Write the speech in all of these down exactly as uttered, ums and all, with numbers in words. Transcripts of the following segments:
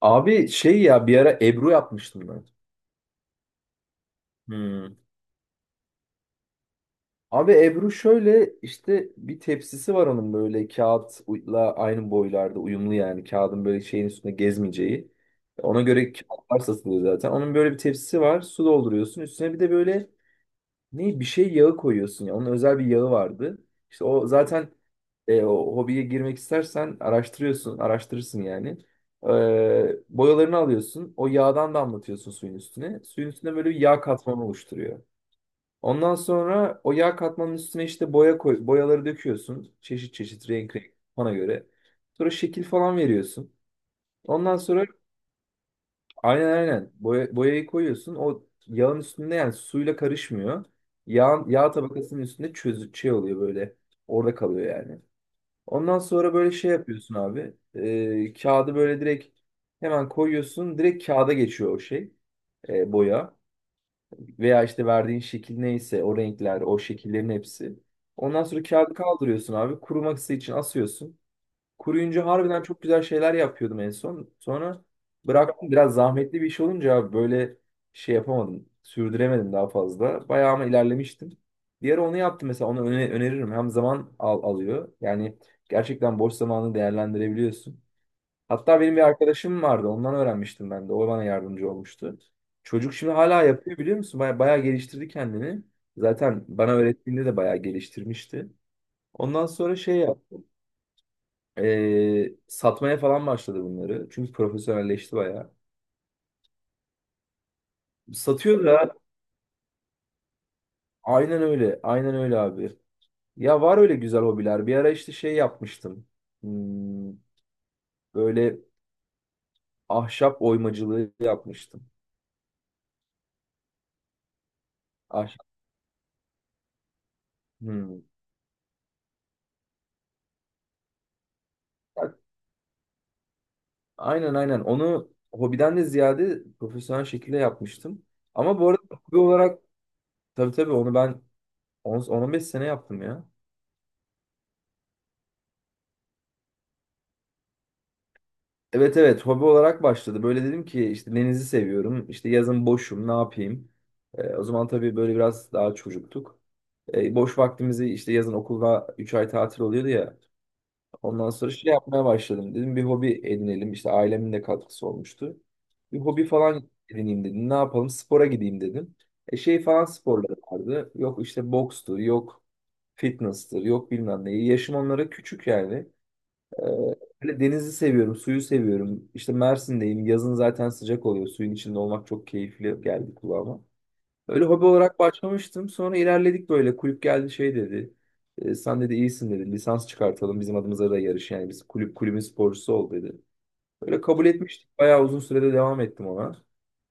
Abi şey ya bir ara Ebru yapmıştım ben. Hmm. Abi Ebru şöyle işte bir tepsisi var onun böyle kağıtla aynı boylarda uyumlu yani kağıdın böyle şeyin üstünde gezmeyeceği. Ona göre kağıtlar satılıyor zaten. Onun böyle bir tepsisi var. Su dolduruyorsun. Üstüne bir de böyle ne bir şey yağı koyuyorsun ya. Onun özel bir yağı vardı. İşte o zaten e, o hobiye girmek istersen araştırıyorsun, araştırırsın yani. Ee, boyalarını alıyorsun. O yağdan damlatıyorsun suyun üstüne. Suyun üstüne böyle bir yağ katmanı oluşturuyor. Ondan sonra o yağ katmanın üstüne işte boya koy, boyaları döküyorsun. Çeşit çeşit renk renk bana göre. Sonra şekil falan veriyorsun. Ondan sonra aynen, aynen. Boya, boyayı koyuyorsun. O yağın üstünde yani suyla karışmıyor. Yağ, yağ tabakasının üstünde çözü şey oluyor böyle. Orada kalıyor yani. Ondan sonra böyle şey yapıyorsun abi. Ee, kağıdı böyle direkt hemen koyuyorsun. Direkt kağıda geçiyor o şey. E, boya. Veya işte verdiğin şekil neyse o renkler, o şekillerin hepsi. Ondan sonra kağıdı kaldırıyorsun abi. Kuruması için asıyorsun. Kuruyunca harbiden çok güzel şeyler yapıyordum en son. Sonra bıraktım. Biraz zahmetli bir iş olunca abi böyle şey yapamadım. Sürdüremedim daha fazla. Bayağı ama ilerlemiştim. Bir ara onu yaptım mesela. Onu öne- öneririm. Hem zaman al alıyor. Yani gerçekten boş zamanını değerlendirebiliyorsun. Hatta benim bir arkadaşım vardı. Ondan öğrenmiştim ben de. O bana yardımcı olmuştu. Çocuk şimdi hala yapıyor, biliyor musun? Baya, bayağı geliştirdi kendini. Zaten bana öğrettiğinde de bayağı geliştirmişti. Ondan sonra şey yaptı. Ee, satmaya falan başladı bunları. Çünkü profesyonelleşti bayağı. Satıyor da aynen öyle. Aynen öyle abi. Ya var öyle güzel hobiler. Bir ara işte şey yapmıştım. Hmm, Böyle ahşap oymacılığı yapmıştım. Ahşap. Hmm. Bak, aynen, aynen. Onu hobiden de ziyade profesyonel şekilde yapmıştım. Ama bu arada hobi olarak tabii, tabii onu ben on beş sene yaptım ya. Evet, evet hobi olarak başladı. Böyle dedim ki işte denizi seviyorum. İşte yazın boşum, ne yapayım. Ee, o zaman tabii böyle biraz daha çocuktuk. Ee, boş vaktimizi işte yazın okulda üç ay tatil oluyordu ya. Ondan sonra şey yapmaya başladım. Dedim bir hobi edinelim. İşte ailemin de katkısı olmuştu. Bir hobi falan edineyim dedim. Ne yapalım, spora gideyim dedim. E, şey falan sporları vardı. Yok işte bokstur, yok fitness'tır, yok bilmem ne. Yaşım onlara küçük yani. Ee, Hani denizi seviyorum, suyu seviyorum. İşte Mersin'deyim. Yazın zaten sıcak oluyor. Suyun içinde olmak çok keyifli geldi kulağıma. Öyle hobi olarak başlamıştım. Sonra ilerledik böyle. Kulüp geldi şey dedi. "E, sen dedi iyisin dedi. Lisans çıkartalım. Bizim adımıza da yarış. Yani biz kulüp kulübün sporcusu ol dedi." Öyle kabul etmiştik. Bayağı uzun sürede devam ettim ona.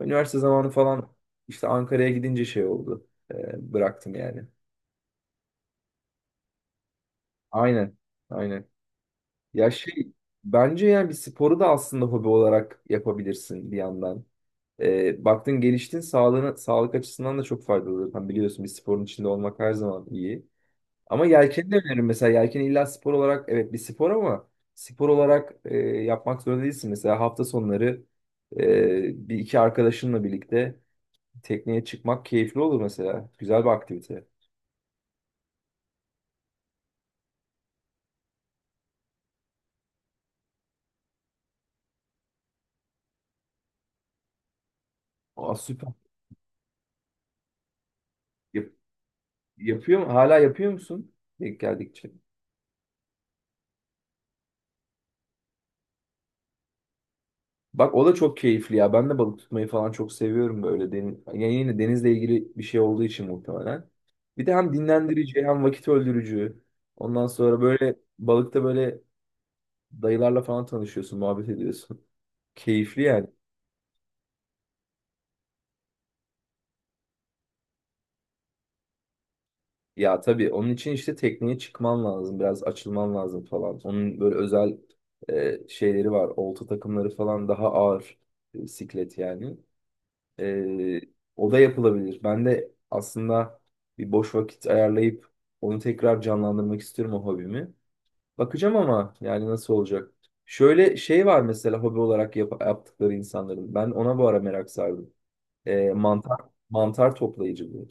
Üniversite zamanı falan işte Ankara'ya gidince şey oldu. Ee, bıraktım yani. Aynen. Aynen. Ya şey, bence yani bir sporu da aslında hobi olarak yapabilirsin bir yandan. Ee, baktın geliştin sağlığına, sağlık açısından da çok faydalıdır. Hani biliyorsun, bir sporun içinde olmak her zaman iyi. Ama yelkeni de öneririm mesela. Yelken illa spor olarak evet bir spor ama spor olarak e, yapmak zorunda değilsin. Mesela hafta sonları e, bir iki arkadaşınla birlikte tekneye çıkmak keyifli olur mesela. Güzel bir aktivite. Aa, süper. Yap- Yapıyor mu? Hala yapıyor musun? Denk geldikçe. Bak o da çok keyifli ya. Ben de balık tutmayı falan çok seviyorum böyle. Deniz, yani yine denizle ilgili bir şey olduğu için muhtemelen. Bir de hem dinlendirici hem vakit öldürücü. Ondan sonra böyle balıkta böyle dayılarla falan tanışıyorsun, muhabbet ediyorsun. Keyifli yani. Ya tabii onun için işte tekneye çıkman lazım, biraz açılman lazım falan. Onun böyle özel e, şeyleri var, olta takımları falan daha ağır e, siklet yani. Ee, O da yapılabilir. Ben de aslında bir boş vakit ayarlayıp onu tekrar canlandırmak istiyorum, o hobimi. Bakacağım ama yani nasıl olacak? Şöyle şey var mesela hobi olarak yap- yaptıkları insanların. Ben ona bu ara merak sardım. Ee, mantar mantar toplayıcılığı.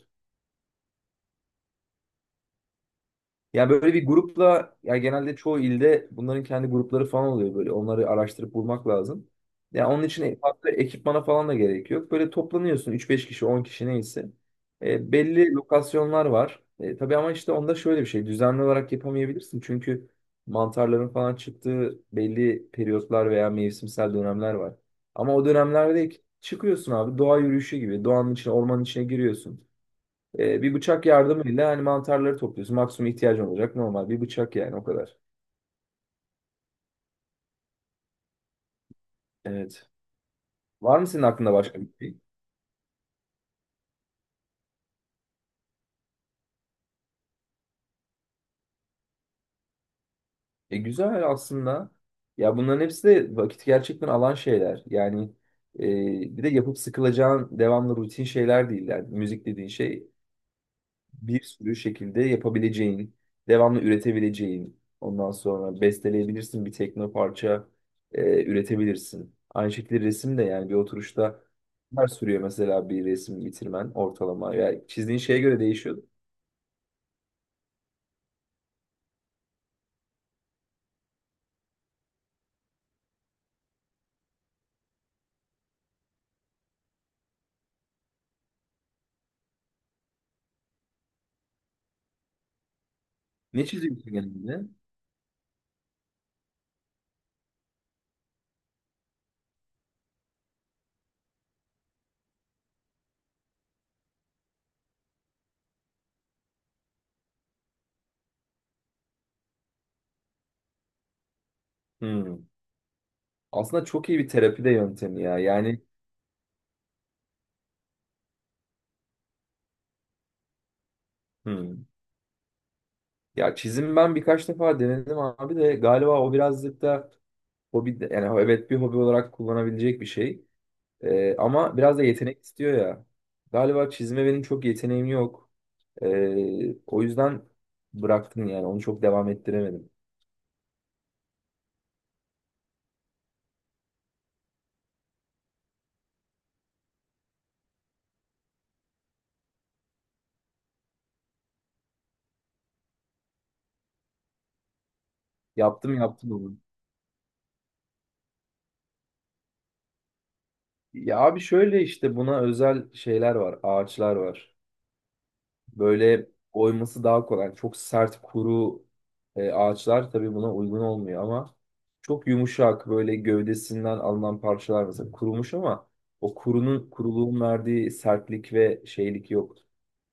Yani böyle bir grupla, yani genelde çoğu ilde bunların kendi grupları falan oluyor böyle. Onları araştırıp bulmak lazım. Yani onun için farklı ekipmana falan da gerek yok. Böyle toplanıyorsun üç beş kişi on kişi neyse. E, belli lokasyonlar var. E, tabii ama işte onda şöyle bir şey, düzenli olarak yapamayabilirsin. Çünkü mantarların falan çıktığı belli periyotlar veya mevsimsel dönemler var. Ama o dönemlerde çıkıyorsun abi, doğa yürüyüşü gibi. Doğanın içine, ormanın içine giriyorsun. E, bir bıçak yardımıyla hani mantarları topluyorsun. Maksimum ihtiyacın olacak normal bir bıçak yani, o kadar. Evet. Var mı senin aklında başka bir şey? E, güzel aslında. Ya bunların hepsi de vakit gerçekten alan şeyler. Yani e, bir de yapıp sıkılacağın devamlı rutin şeyler değil. Yani müzik dediğin şey bir sürü şekilde yapabileceğin, devamlı üretebileceğin, ondan sonra besteleyebilirsin bir tekno parça e, üretebilirsin. Aynı şekilde resim de yani bir oturuşta neler sürüyor mesela, bir resim bitirmen ortalama. Yani çizdiğin şeye göre değişiyor. Ne çiziyorsun genelde? Hmm. Aslında çok iyi bir terapi de yöntemi ya. Yani hmm. Ya çizim, ben birkaç defa denedim abi de galiba o birazcık da hobi, yani evet bir hobi olarak kullanabilecek bir şey. Ee, ama biraz da yetenek istiyor ya. Galiba çizime benim çok yeteneğim yok. Ee, o yüzden bıraktım yani. Onu çok devam ettiremedim. Yaptım, yaptım onu. Ya abi şöyle işte buna özel şeyler var. Ağaçlar var. Böyle oyması daha kolay. Çok sert kuru e, ağaçlar tabii buna uygun olmuyor ama çok yumuşak, böyle gövdesinden alınan parçalar mesela, kurumuş ama o kurunun kuruluğun verdiği sertlik ve şeylik yok.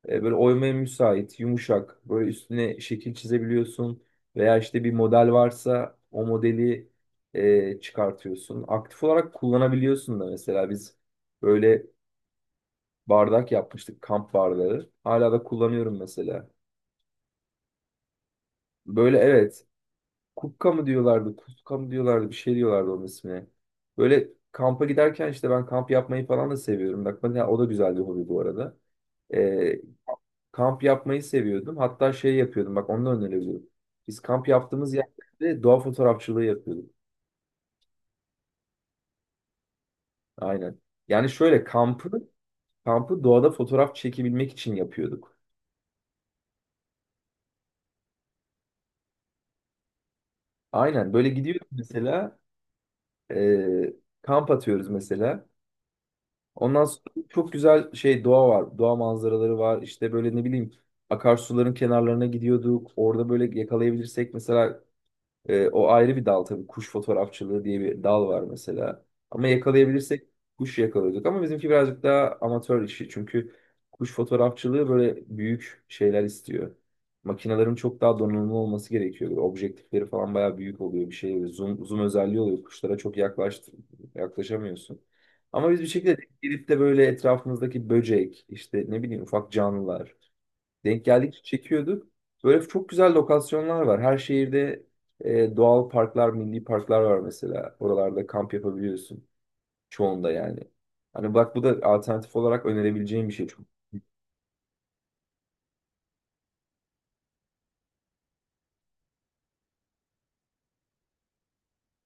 E, böyle oymaya müsait, yumuşak. Böyle üstüne şekil çizebiliyorsun. Veya işte bir model varsa o modeli e, çıkartıyorsun. Aktif olarak kullanabiliyorsun da, mesela biz böyle bardak yapmıştık, kamp bardağı. Hala da kullanıyorum mesela. Böyle evet, kupka mı diyorlardı, kuska mı diyorlardı, bir şey diyorlardı onun ismine. Böyle kampa giderken işte, ben kamp yapmayı falan da seviyorum. Bak mesela, o da güzel bir hobi bu arada. E, Kamp yapmayı seviyordum. Hatta şey yapıyordum. Bak, onu da önerebilirim. Biz kamp yaptığımız yerlerde doğa fotoğrafçılığı yapıyorduk. Aynen. Yani şöyle kampı kampı doğada fotoğraf çekebilmek için yapıyorduk. Aynen. Böyle gidiyoruz mesela, e, kamp atıyoruz mesela. Ondan sonra çok güzel şey, doğa var. Doğa manzaraları var. İşte böyle ne bileyim akarsuların kenarlarına gidiyorduk. Orada böyle yakalayabilirsek mesela Ee, o ayrı bir dal tabii. Kuş fotoğrafçılığı diye bir dal var mesela. Ama yakalayabilirsek kuş yakalıyorduk. Ama bizimki birazcık daha amatör işi. Çünkü kuş fotoğrafçılığı böyle büyük şeyler istiyor. Makinelerin çok daha donanımlı olması gerekiyor. Böyle objektifleri falan bayağı büyük oluyor bir şey. Zoom, zoom özelliği oluyor. Kuşlara çok yaklaştı, yaklaşamıyorsun. Ama biz bir şekilde gidip de böyle etrafımızdaki böcek, işte ne bileyim ufak canlılar, denk geldikçe çekiyorduk. Böyle çok güzel lokasyonlar var. Her şehirde e, doğal parklar, milli parklar var mesela. Oralarda kamp yapabiliyorsun. Çoğunda yani. Hani bak, bu da alternatif olarak önerebileceğim bir şey çok.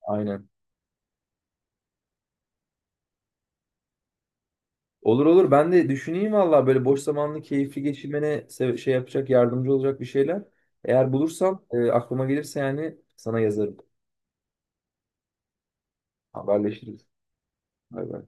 Aynen. Olur, olur. Ben de düşüneyim valla, böyle boş zamanlı keyifli geçirmene se- şey yapacak, yardımcı olacak bir şeyler. Eğer bulursam e, aklıma gelirse yani sana yazarım. Haberleşiriz. Bay bay.